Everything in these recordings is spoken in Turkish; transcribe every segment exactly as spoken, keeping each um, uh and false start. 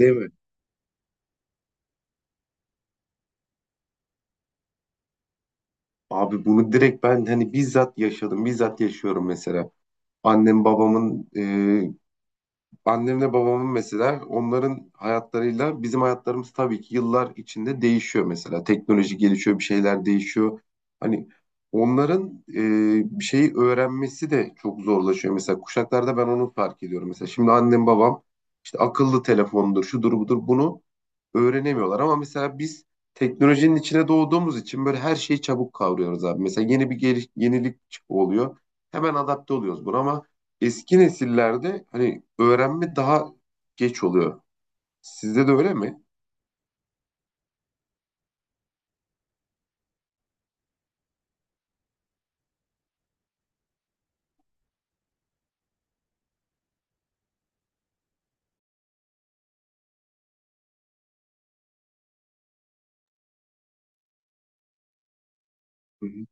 Değil mi? Abi bunu direkt ben hani bizzat yaşadım, bizzat yaşıyorum mesela. Annem babamın, e, Annemle babamın mesela onların hayatlarıyla bizim hayatlarımız tabii ki yıllar içinde değişiyor mesela. Teknoloji gelişiyor, bir şeyler değişiyor. Hani onların e, bir şeyi öğrenmesi de çok zorlaşıyor. Mesela kuşaklarda ben onu fark ediyorum. Mesela şimdi annem babam işte akıllı telefondur, şudur budur bunu öğrenemiyorlar. Ama mesela biz teknolojinin içine doğduğumuz için böyle her şeyi çabuk kavruyoruz abi. Mesela yeni bir geliş- yenilik oluyor. Hemen adapte oluyoruz buna ama eski nesillerde hani öğrenme daha geç oluyor. Sizde de öyle mi? Hı hı.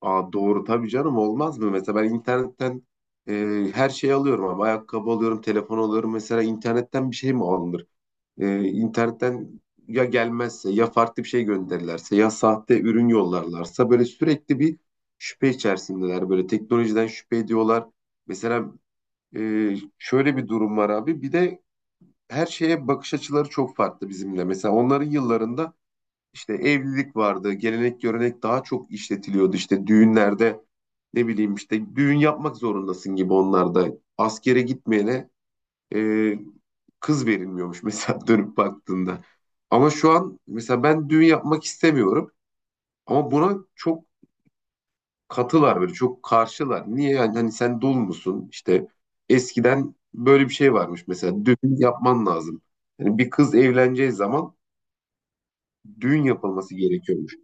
Aa, doğru tabii canım olmaz mı? Mesela ben internetten e, her şeyi alıyorum ama ayakkabı alıyorum, telefon alıyorum. Mesela internetten bir şey mi alınır? Ee, internetten ya gelmezse ya farklı bir şey gönderirlerse ya sahte ürün yollarlarsa böyle sürekli bir şüphe içerisindeler. Böyle teknolojiden şüphe ediyorlar. Mesela e, şöyle bir durum var abi. Bir de her şeye bakış açıları çok farklı bizimle. Mesela onların yıllarında işte evlilik vardı. Gelenek görenek daha çok işletiliyordu. İşte düğünlerde ne bileyim işte düğün yapmak zorundasın gibi onlarda. Askere gitmeyene e, kız verilmiyormuş mesela dönüp baktığında. Ama şu an mesela ben düğün yapmak istemiyorum ama buna çok katılar böyle çok karşılar. Niye yani hani sen dul musun işte eskiden böyle bir şey varmış mesela düğün yapman lazım. Yani bir kız evleneceği zaman düğün yapılması gerekiyormuş.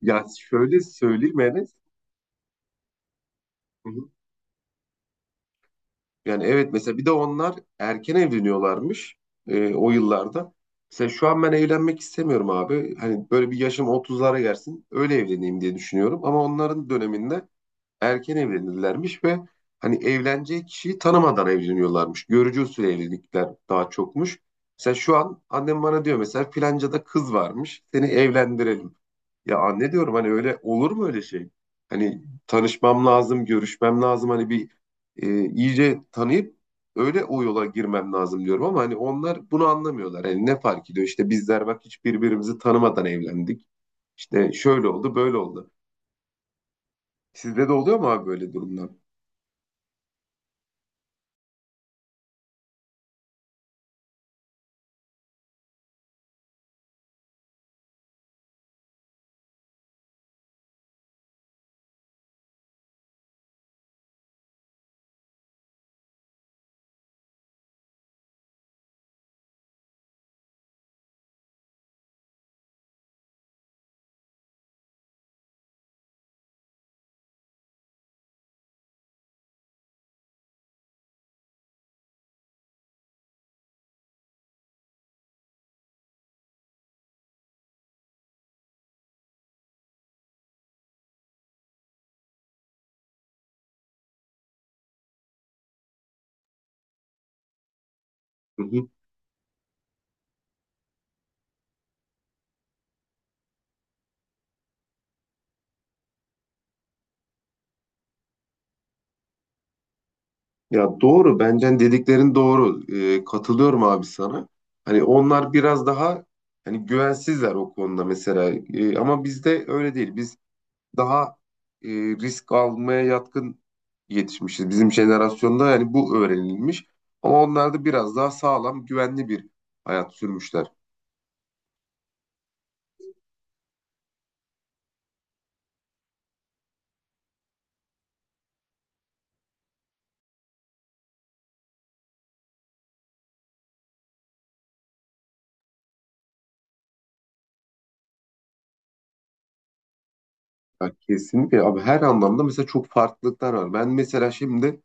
Ya şöyle söyleyeyim Enes. Yani evet mesela bir de onlar erken evleniyorlarmış e, o yıllarda. Mesela şu an ben evlenmek istemiyorum abi. Hani böyle bir yaşım otuzlara gelsin öyle evleneyim diye düşünüyorum. Ama onların döneminde erken evlenirlermiş ve hani evleneceği kişiyi tanımadan evleniyorlarmış. Görücü usulü evlilikler daha çokmuş. Mesela şu an annem bana diyor mesela filancada kız varmış seni evlendirelim. Ya anne diyorum hani öyle olur mu öyle şey? Hani tanışmam lazım, görüşmem lazım. Hani bir e, iyice tanıyıp öyle o yola girmem lazım diyorum ama hani onlar bunu anlamıyorlar. Hani ne fark ediyor? İşte bizler bak hiç birbirimizi tanımadan evlendik. İşte şöyle oldu, böyle oldu. Sizde de oluyor mu abi böyle durumlar? Hı hı. Ya doğru, bence dediklerin doğru. Ee, katılıyorum abi sana. Hani onlar biraz daha hani güvensizler o konuda mesela. Ee, ama bizde öyle değil. Biz daha e, risk almaya yatkın yetişmişiz. Bizim jenerasyonda yani bu öğrenilmiş. Ama onlar da biraz daha sağlam, güvenli bir hayat sürmüşler. Ya kesinlikle abi her anlamda mesela çok farklılıklar var. Ben mesela şimdi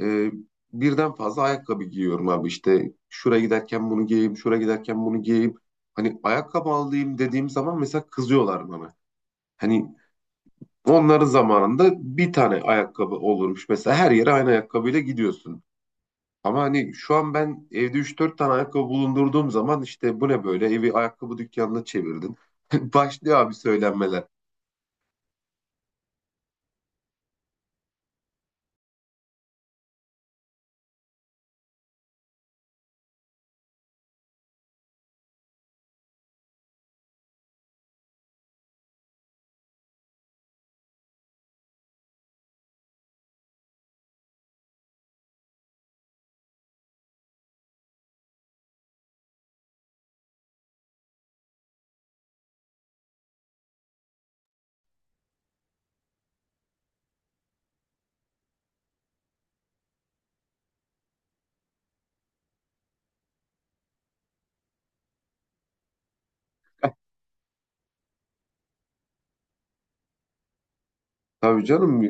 e, birden fazla ayakkabı giyiyorum abi. İşte şuraya giderken bunu giyeyim, şuraya giderken bunu giyeyim. Hani ayakkabı alayım dediğim zaman mesela kızıyorlar bana. Hani onların zamanında bir tane ayakkabı olurmuş. Mesela her yere aynı ayakkabıyla gidiyorsun. Ama hani şu an ben evde üç dört tane ayakkabı bulundurduğum zaman işte bu ne böyle evi ayakkabı dükkanına çevirdin. Başlıyor abi söylenmeler. Tabii canım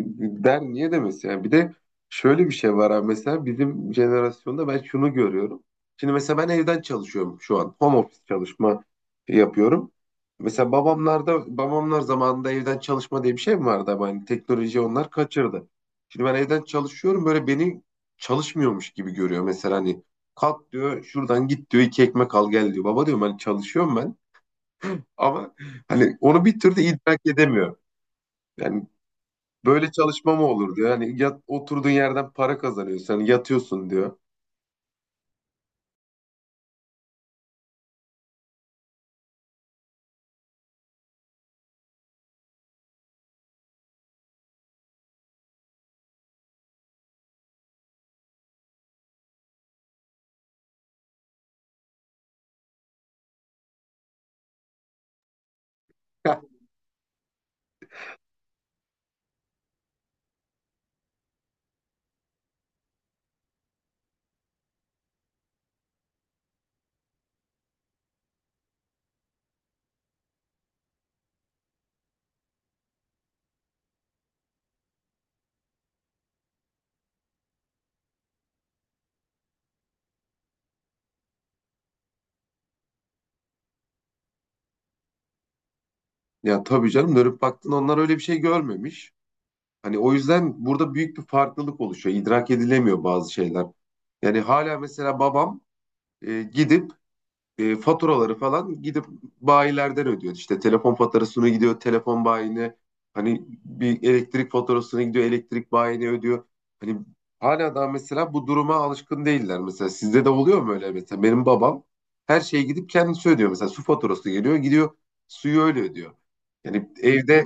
der niye demesi yani bir de şöyle bir şey var abi mesela bizim jenerasyonda ben şunu görüyorum. Şimdi mesela ben evden çalışıyorum şu an home office çalışma yapıyorum. Mesela babamlarda babamlar zamanında evden çalışma diye bir şey mi vardı ama hani teknoloji onlar kaçırdı. Şimdi ben evden çalışıyorum böyle beni çalışmıyormuş gibi görüyor mesela hani kalk diyor şuradan git diyor iki ekmek al gel diyor. Baba diyorum hani çalışıyorum ben ama hani onu bir türlü idrak edemiyor. Yani Böyle çalışma mı olur diyor. Yani yat, oturduğun yerden para kazanıyorsun. Hani yatıyorsun diyor. Ya tabii canım dönüp baktın onlar öyle bir şey görmemiş. Hani o yüzden burada büyük bir farklılık oluşuyor. İdrak edilemiyor bazı şeyler. Yani hala mesela babam e, gidip e, faturaları falan gidip bayilerden ödüyor. İşte telefon faturasını gidiyor telefon bayine. Hani bir elektrik faturasını gidiyor elektrik bayine ödüyor. Hani hala daha mesela bu duruma alışkın değiller. Mesela sizde de oluyor mu öyle mesela? Benim babam her şeye gidip kendisi ödüyor. Mesela su faturası geliyor gidiyor suyu öyle ödüyor. Yani evde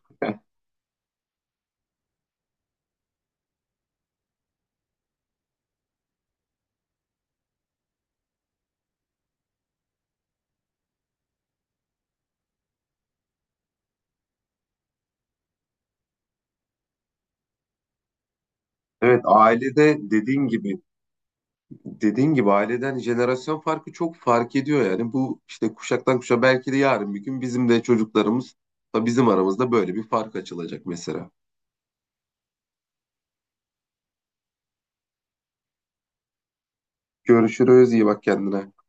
evet ailede dediğin gibi dediğin gibi aileden jenerasyon farkı çok fark ediyor yani. Bu işte kuşaktan kuşa belki de yarın bir gün bizim de çocuklarımız da bizim aramızda böyle bir fark açılacak mesela. Görüşürüz, iyi bak kendine.